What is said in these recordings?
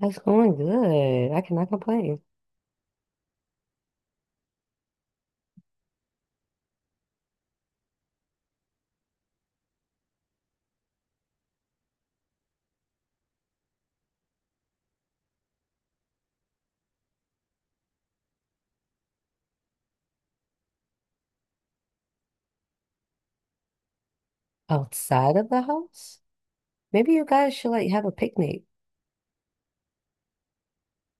That's going good. I cannot complain. Outside of the house? Maybe you guys should like have a picnic.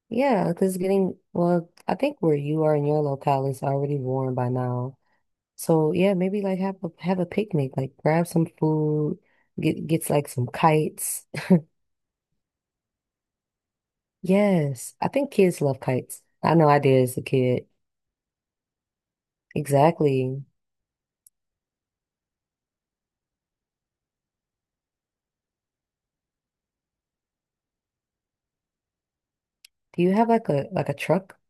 Yeah, because it's getting, well, I think where you are in your locale is already warm by now. So yeah, maybe like have a picnic, like grab some food, get gets like some kites. Yes, I think kids love kites. I know I did as a kid. Exactly. Do you have like a truck?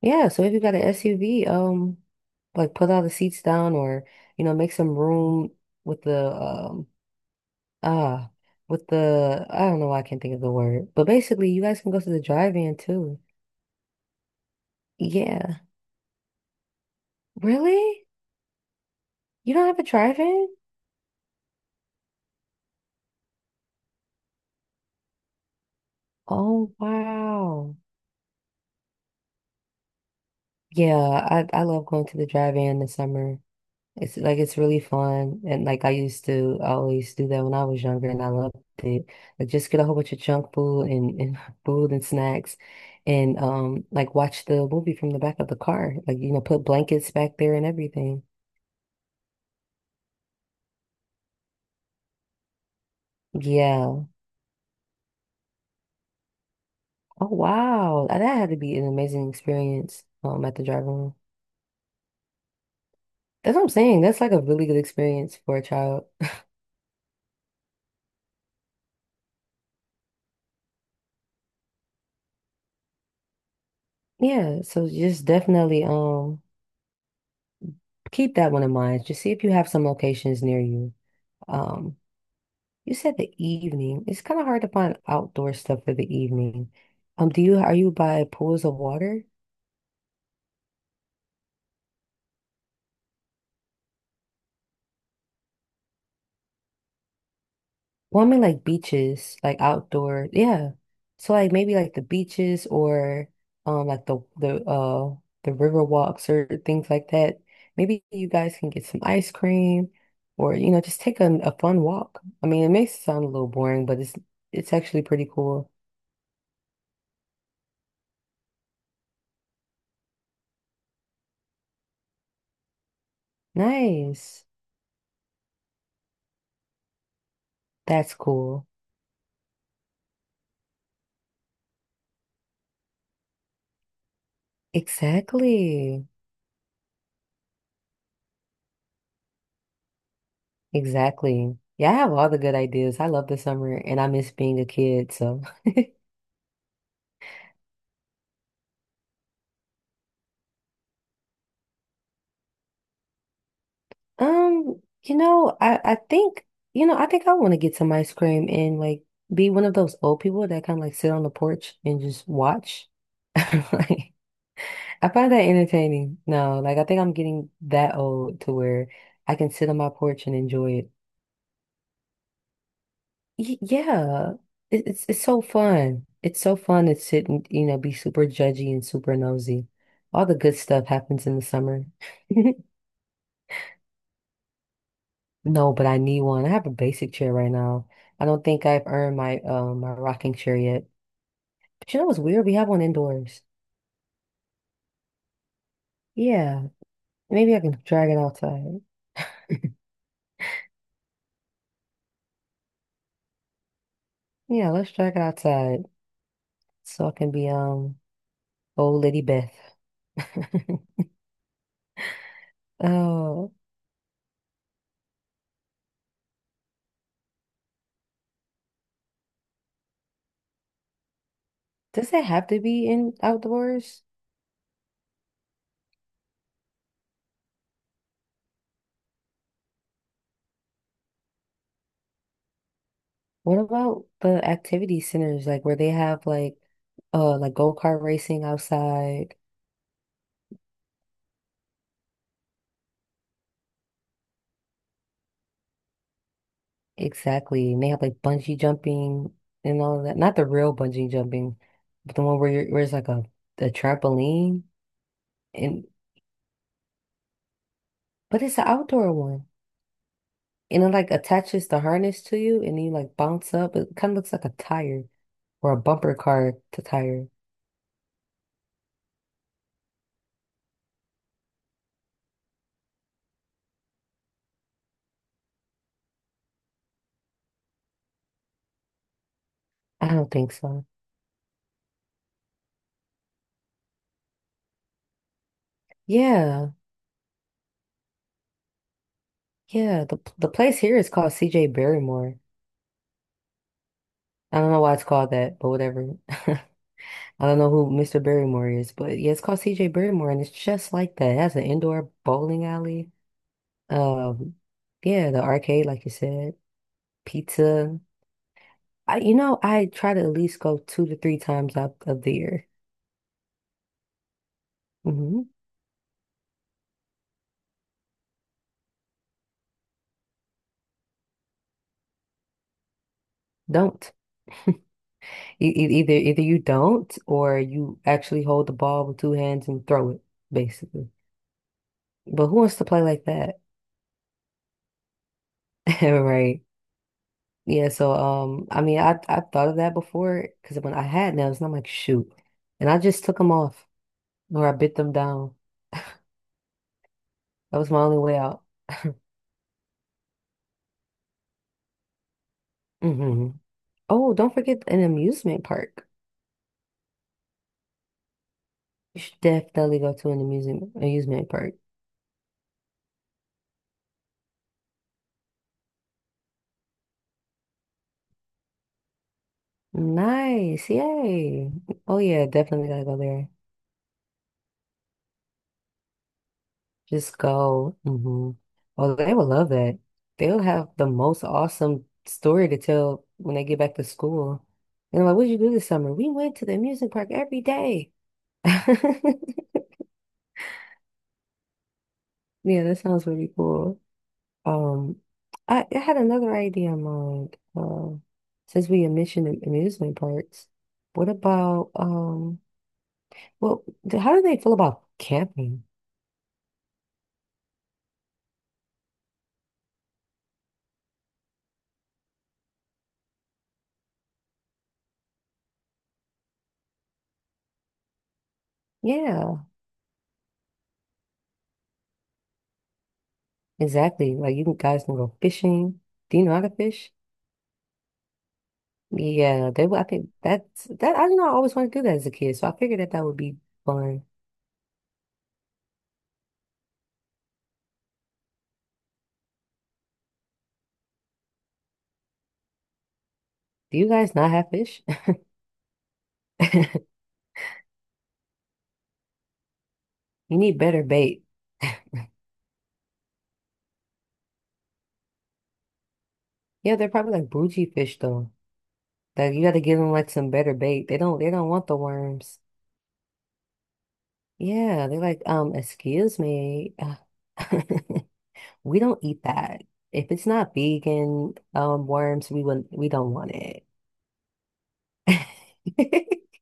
Yeah, so if you got an SUV, like put all the seats down or, you know, make some room with the ah with the I don't know why I can't think of the word. But basically you guys can go to the drive-in too. Yeah. Really? You don't have a drive-in? Oh wow. Yeah, I love going to the drive-in this summer. It's really fun. And like I used to always do that when I was younger and I loved it. Like just get a whole bunch of junk food and food and snacks and like watch the movie from the back of the car. Like, you know, put blankets back there and everything. Yeah. Oh wow. That had to be an amazing experience at the drive room. That's what I'm saying. That's like a really good experience for a child. Yeah, so just definitely keep that one in mind. Just see if you have some locations near you. Um You said the evening. It's kind of hard to find outdoor stuff for the evening. Do you are you by pools of water? Well, I mean like beaches, like outdoor. Yeah. So like maybe like the beaches or like the river walks or things like that. Maybe you guys can get some ice cream or you know just take a fun walk. I mean, it may sound a little boring, but it's actually pretty cool. Nice. That's cool. Exactly. Exactly. Yeah, I have all the good ideas. I love the summer and I miss being a kid. So, you know, I think I want to get some ice cream and like be one of those old people that kind of like sit on the porch and just watch. Like, I find that entertaining. No, like I think I'm getting that old to where I can sit on my porch and enjoy it. Yeah, it's so fun. It's so fun to sit and you know be super judgy and super nosy. All the good stuff happens in the summer. No, but I need one. I have a basic chair right now. I don't think I've earned my my rocking chair yet. But you know what's weird? We have one indoors. Yeah, maybe I can drag it outside. Yeah, let's drag it outside so I can be old lady Beth. Oh, does it have to be in outdoors? What about the activity centers, like where they have like like go-kart racing outside? Exactly. And they have like bungee jumping and all of that. Not the real bungee jumping, but the one where you're where it's like a trampoline and but it's an outdoor one. And it like attaches the harness to you and you like bounce up. It kind of looks like a tire or a bumper car to tire. I don't think so. Yeah. Yeah. The place here is called CJ Barrymore. I don't know why it's called that, but whatever. I don't know who Mr. Barrymore is, but yeah, it's called CJ Barrymore, and it's just like that. It has an indoor bowling alley. Um, yeah, the arcade, like you said, pizza. I try to at least go 2 to 3 times out of the year. Hmm Don't. Either you don't, or you actually hold the ball with two hands and throw it, basically. But who wants to play like that, right? Yeah, so I mean, I thought of that before because when I had nails, and I'm like, shoot, and I just took them off or I bit them down. That was my only way out. Hmm Oh, don't forget an amusement park. You should definitely go to an amusement park. Nice, yay! Oh yeah, definitely gotta go there. Just go. Hmm Oh, they will love that. They'll have the most awesome story to tell when they get back to school. And like, what'd you do this summer? We went to the amusement park every day. Yeah, that sounds really cool. Um, I had another idea in mind. Since we mentioned amusement parks, what about um? Well, how do they feel about camping? Yeah, exactly. Like guys can go fishing. Do you know how to fish? Yeah, I think that's that. I don't know. I always wanted to do that as a kid, so I figured that that would be fun. Do you guys not have fish? You need better bait. Yeah, they're probably like bougie fish though. Like you got to give them like some better bait. They don't want the worms. Yeah, they're like, excuse me. We don't eat that. If it's not vegan, worms, we don't want it.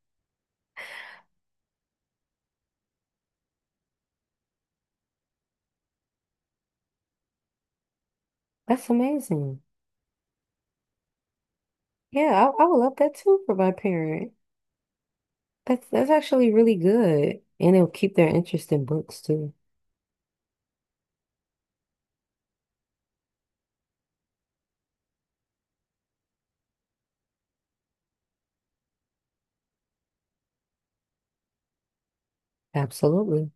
That's amazing. Yeah, I would love that too for my parent. That's actually really good. And it'll keep their interest in books too. Absolutely.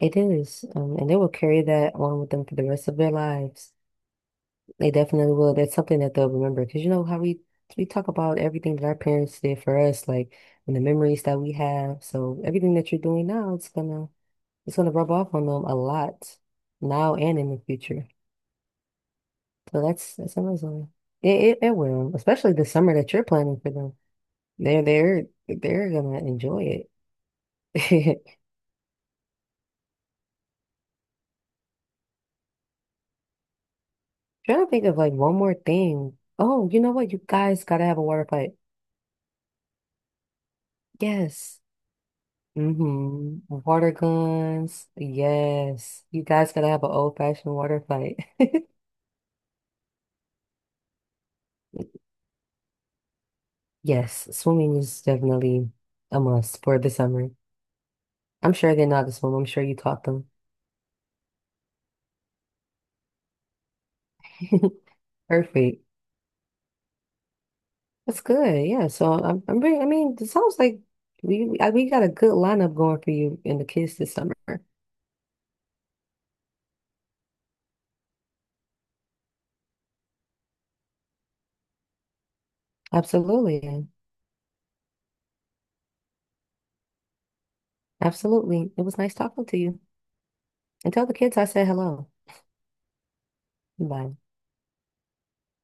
It is. And they will carry that on with them for the rest of their lives. They definitely will. That's something that they'll remember. Because you know how we talk about everything that our parents did for us, like and the memories that we have. So everything that you're doing now, it's gonna rub off on them a lot now and in the future. So that's amazing. It will, especially the summer that you're planning for them. They're gonna enjoy it. Trying to think of like one more thing. Oh, you know what? You guys gotta have a water fight. Yes. hmm Water guns. Yes. You guys gotta have an old-fashioned water fight. Yes, swimming is definitely a must for the summer. I'm sure they know how to swim. I'm sure you taught them. Perfect. That's good. Yeah. So I'm really, I mean, it sounds like we got a good lineup going for you and the kids this summer. Absolutely. Absolutely. It was nice talking to you. And tell the kids I said hello. Bye.